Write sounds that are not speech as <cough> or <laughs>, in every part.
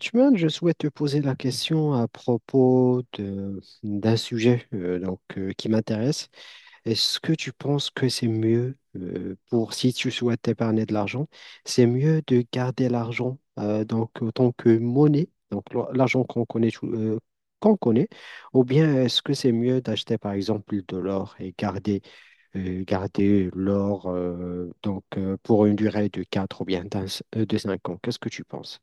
Tuman, je souhaite te poser la question à propos de d'un sujet donc, qui m'intéresse. Est-ce que tu penses que c'est mieux pour si tu souhaites épargner de l'argent, c'est mieux de garder l'argent donc autant que monnaie, donc l'argent qu'on connaît qu'on connaît, ou bien est-ce que c'est mieux d'acheter par exemple de l'or et garder l'or donc pour une durée de quatre ou bien de 5 ans. Qu'est-ce que tu penses?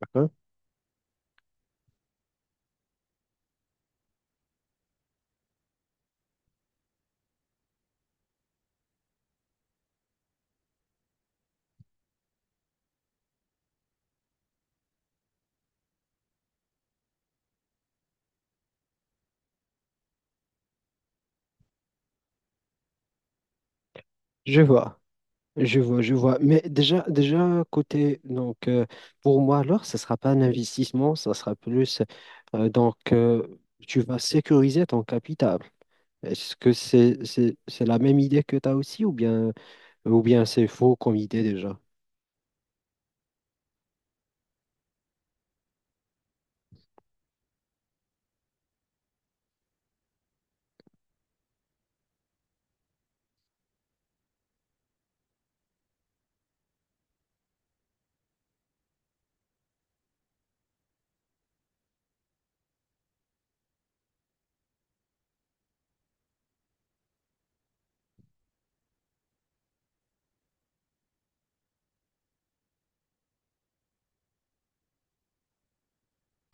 D'accord. Je vois. Je vois, je vois. Mais déjà, déjà côté, donc pour moi alors, ce sera pas un investissement, ça sera plus donc tu vas sécuriser ton capital. Est-ce que c'est la même idée que tu as aussi ou bien c'est faux comme idée déjà?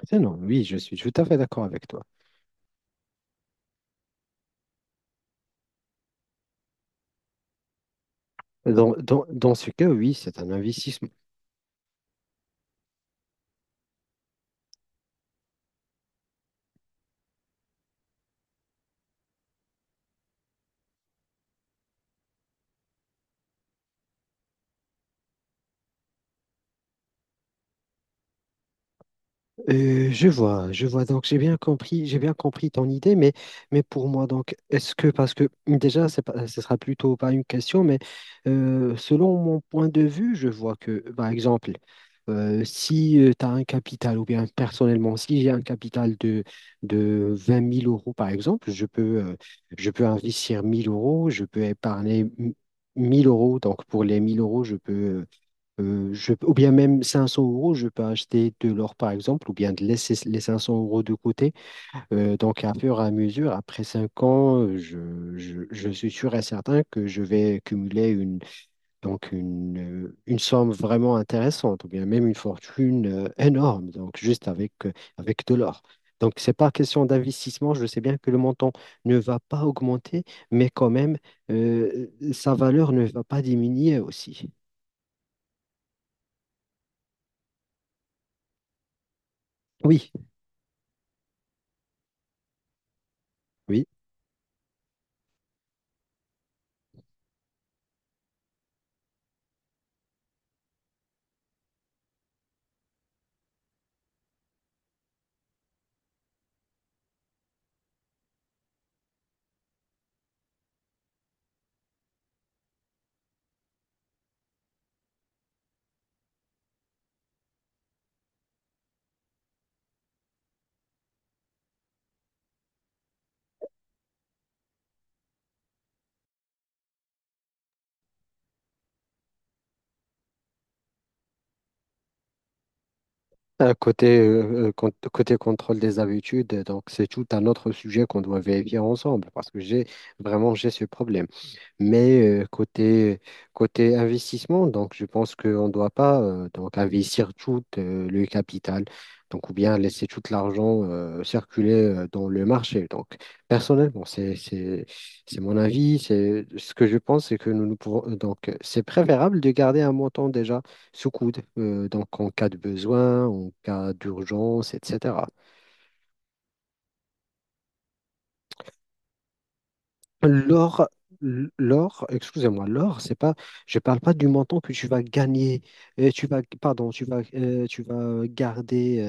C'est non, oui, je suis tout à fait d'accord avec toi. Dans ce cas, oui, c'est un investissement. Je vois, je vois. Donc j'ai bien compris ton idée, mais pour moi donc est-ce que parce que déjà c'est pas, ce sera plutôt pas une question, mais selon mon point de vue, je vois que par exemple si tu as un capital ou bien personnellement si j'ai un capital de 20 000 euros par exemple, je peux investir 1 000 euros, je peux épargner 1 000 euros. Donc pour les 1 000 euros, je peux ou bien même 500 euros, je peux acheter de l'or par exemple, ou bien de laisser les 500 euros de côté. Donc, à fur et à mesure, après 5 ans, je suis sûr et certain que je vais cumuler donc une, une somme vraiment intéressante, ou bien même une fortune énorme, donc juste avec, avec de l'or. Donc, c'est pas question d'investissement. Je sais bien que le montant ne va pas augmenter, mais quand même, sa valeur ne va pas diminuer aussi. Oui, oui. Côté, côté contrôle des habitudes, donc c'est tout un autre sujet qu'on doit vérifier ensemble parce que j'ai vraiment j'ai ce problème. Mais côté, côté investissement, donc je pense qu'on ne doit pas donc investir tout le capital, donc, ou bien laisser tout l'argent circuler dans le marché. Donc, personnellement, c'est mon avis. C'est, ce que je pense, c'est que nous pouvons, donc, c'est préférable de garder un montant déjà sous coude, donc en cas de besoin, en cas d'urgence, etc. L'or, l'or, excusez-moi, l'or, c'est pas, je parle pas du montant que tu vas gagner, tu vas, pardon, tu vas garder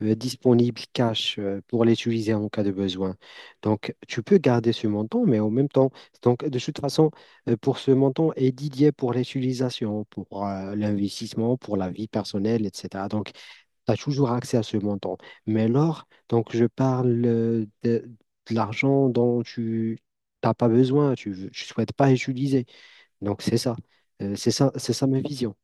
disponible cash pour l'utiliser en cas de besoin. Donc, tu peux garder ce montant, mais en même temps, donc de toute façon, pour ce montant est dédié pour l'utilisation, pour l'investissement, pour la vie personnelle, etc. Donc, tu as toujours accès à ce montant. Mais l'or, donc je parle de l'argent dont tu n'as pas besoin, tu ne souhaites pas utiliser. Donc c'est ça. C'est ça, c'est ça ma vision.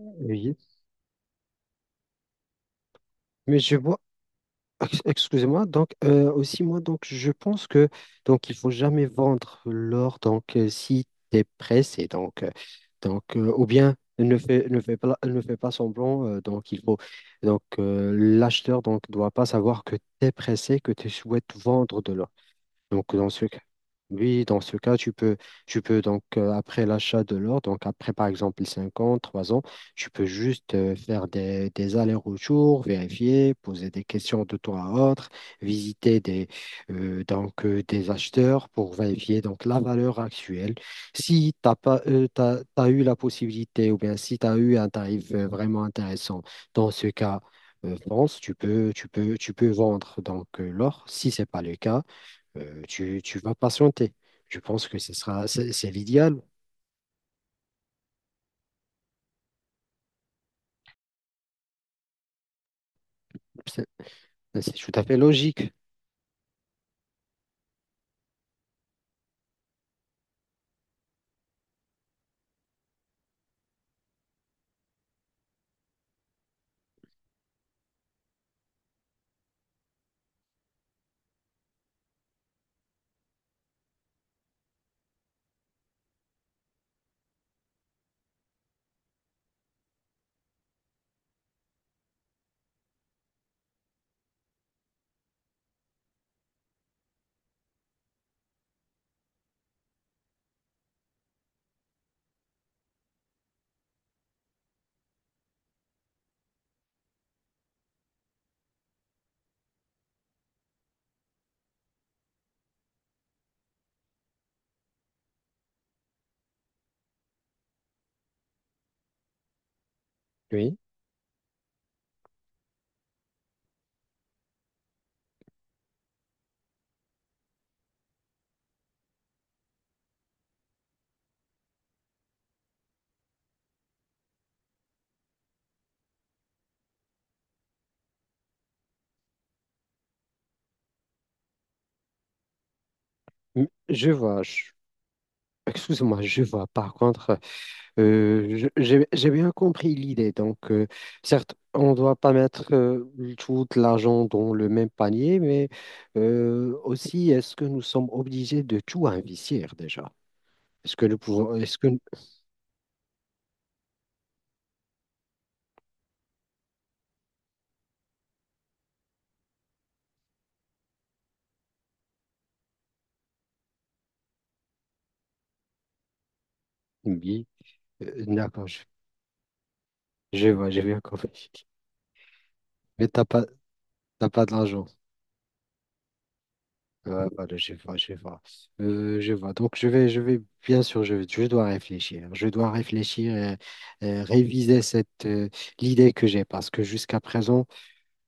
Oui. Mais excusez-moi, donc aussi moi donc je pense que donc il faut jamais vendre l'or donc si tu es pressé donc ou bien ne fais pas semblant donc il faut donc l'acheteur donc doit pas savoir que tu es pressé que tu souhaites vendre de l'or. Donc, dans ce cas, oui, dans ce cas, tu peux donc, après l'achat de l'or, donc après, par exemple, 5 ans, 3 ans, tu peux juste faire des allers-retours, vérifier, poser des questions de toi à autre, visiter des, donc, des acheteurs pour vérifier donc, la valeur actuelle. Si tu n'as pas, t'as eu la possibilité ou bien si tu as eu un tarif vraiment intéressant, dans ce cas, France, tu peux vendre donc l'or. Si ce n'est pas le cas, tu vas patienter. Je pense que ce sera, c'est l'idéal. C'est c'est tout à fait logique. Oui. Mm, je vois, excuse-moi, je vois. Par contre, j'ai bien compris l'idée. Donc, certes, on ne doit pas mettre tout l'argent dans le même panier, mais aussi, est-ce que nous sommes obligés de tout investir déjà? Est-ce que, oui, d'accord, je vois, j'ai bien compris. Mais t'as pas de l'argent. Ouais, voilà, je vois, je vois. Je vois. Donc, bien sûr, je dois réfléchir. Je dois réfléchir et réviser cette, l'idée que j'ai parce que jusqu'à présent,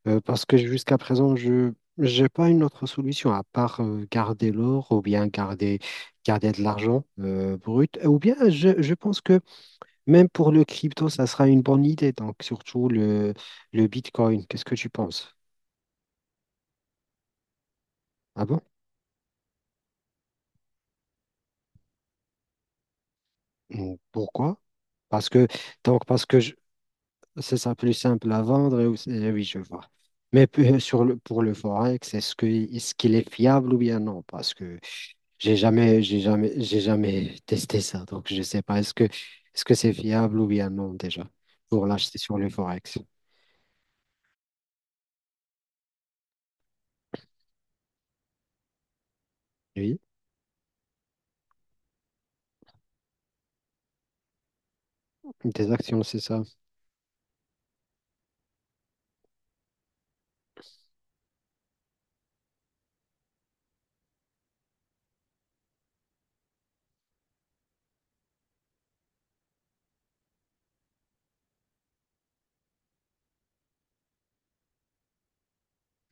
Parce que jusqu'à présent, je n'ai pas une autre solution à part garder l'or ou bien garder, garder de l'argent brut. Ou bien, je pense que même pour le crypto, ça sera une bonne idée. Donc, surtout le Bitcoin. Qu'est-ce que tu penses? Ah bon? Mm, pourquoi? Parce que, donc, c'est ça plus simple à vendre. Et, eh oui, je vois. Mais sur pour le Forex, est-ce qu'il est fiable ou bien non? Parce que j'ai jamais testé ça, donc je sais pas. Est-ce que c'est fiable ou bien non déjà pour l'acheter sur le Forex? Oui, des actions, c'est ça.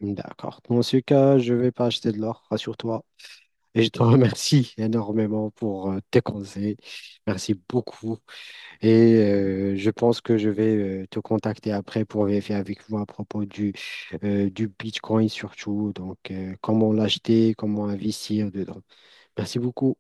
D'accord. Dans ce cas, je vais pas acheter de l'or, rassure-toi. Et je te <laughs> remercie énormément pour tes conseils. Merci beaucoup. Et je pense que je vais te contacter après pour vérifier avec vous à propos du Bitcoin surtout. Donc, comment l'acheter, comment investir dedans. Merci beaucoup.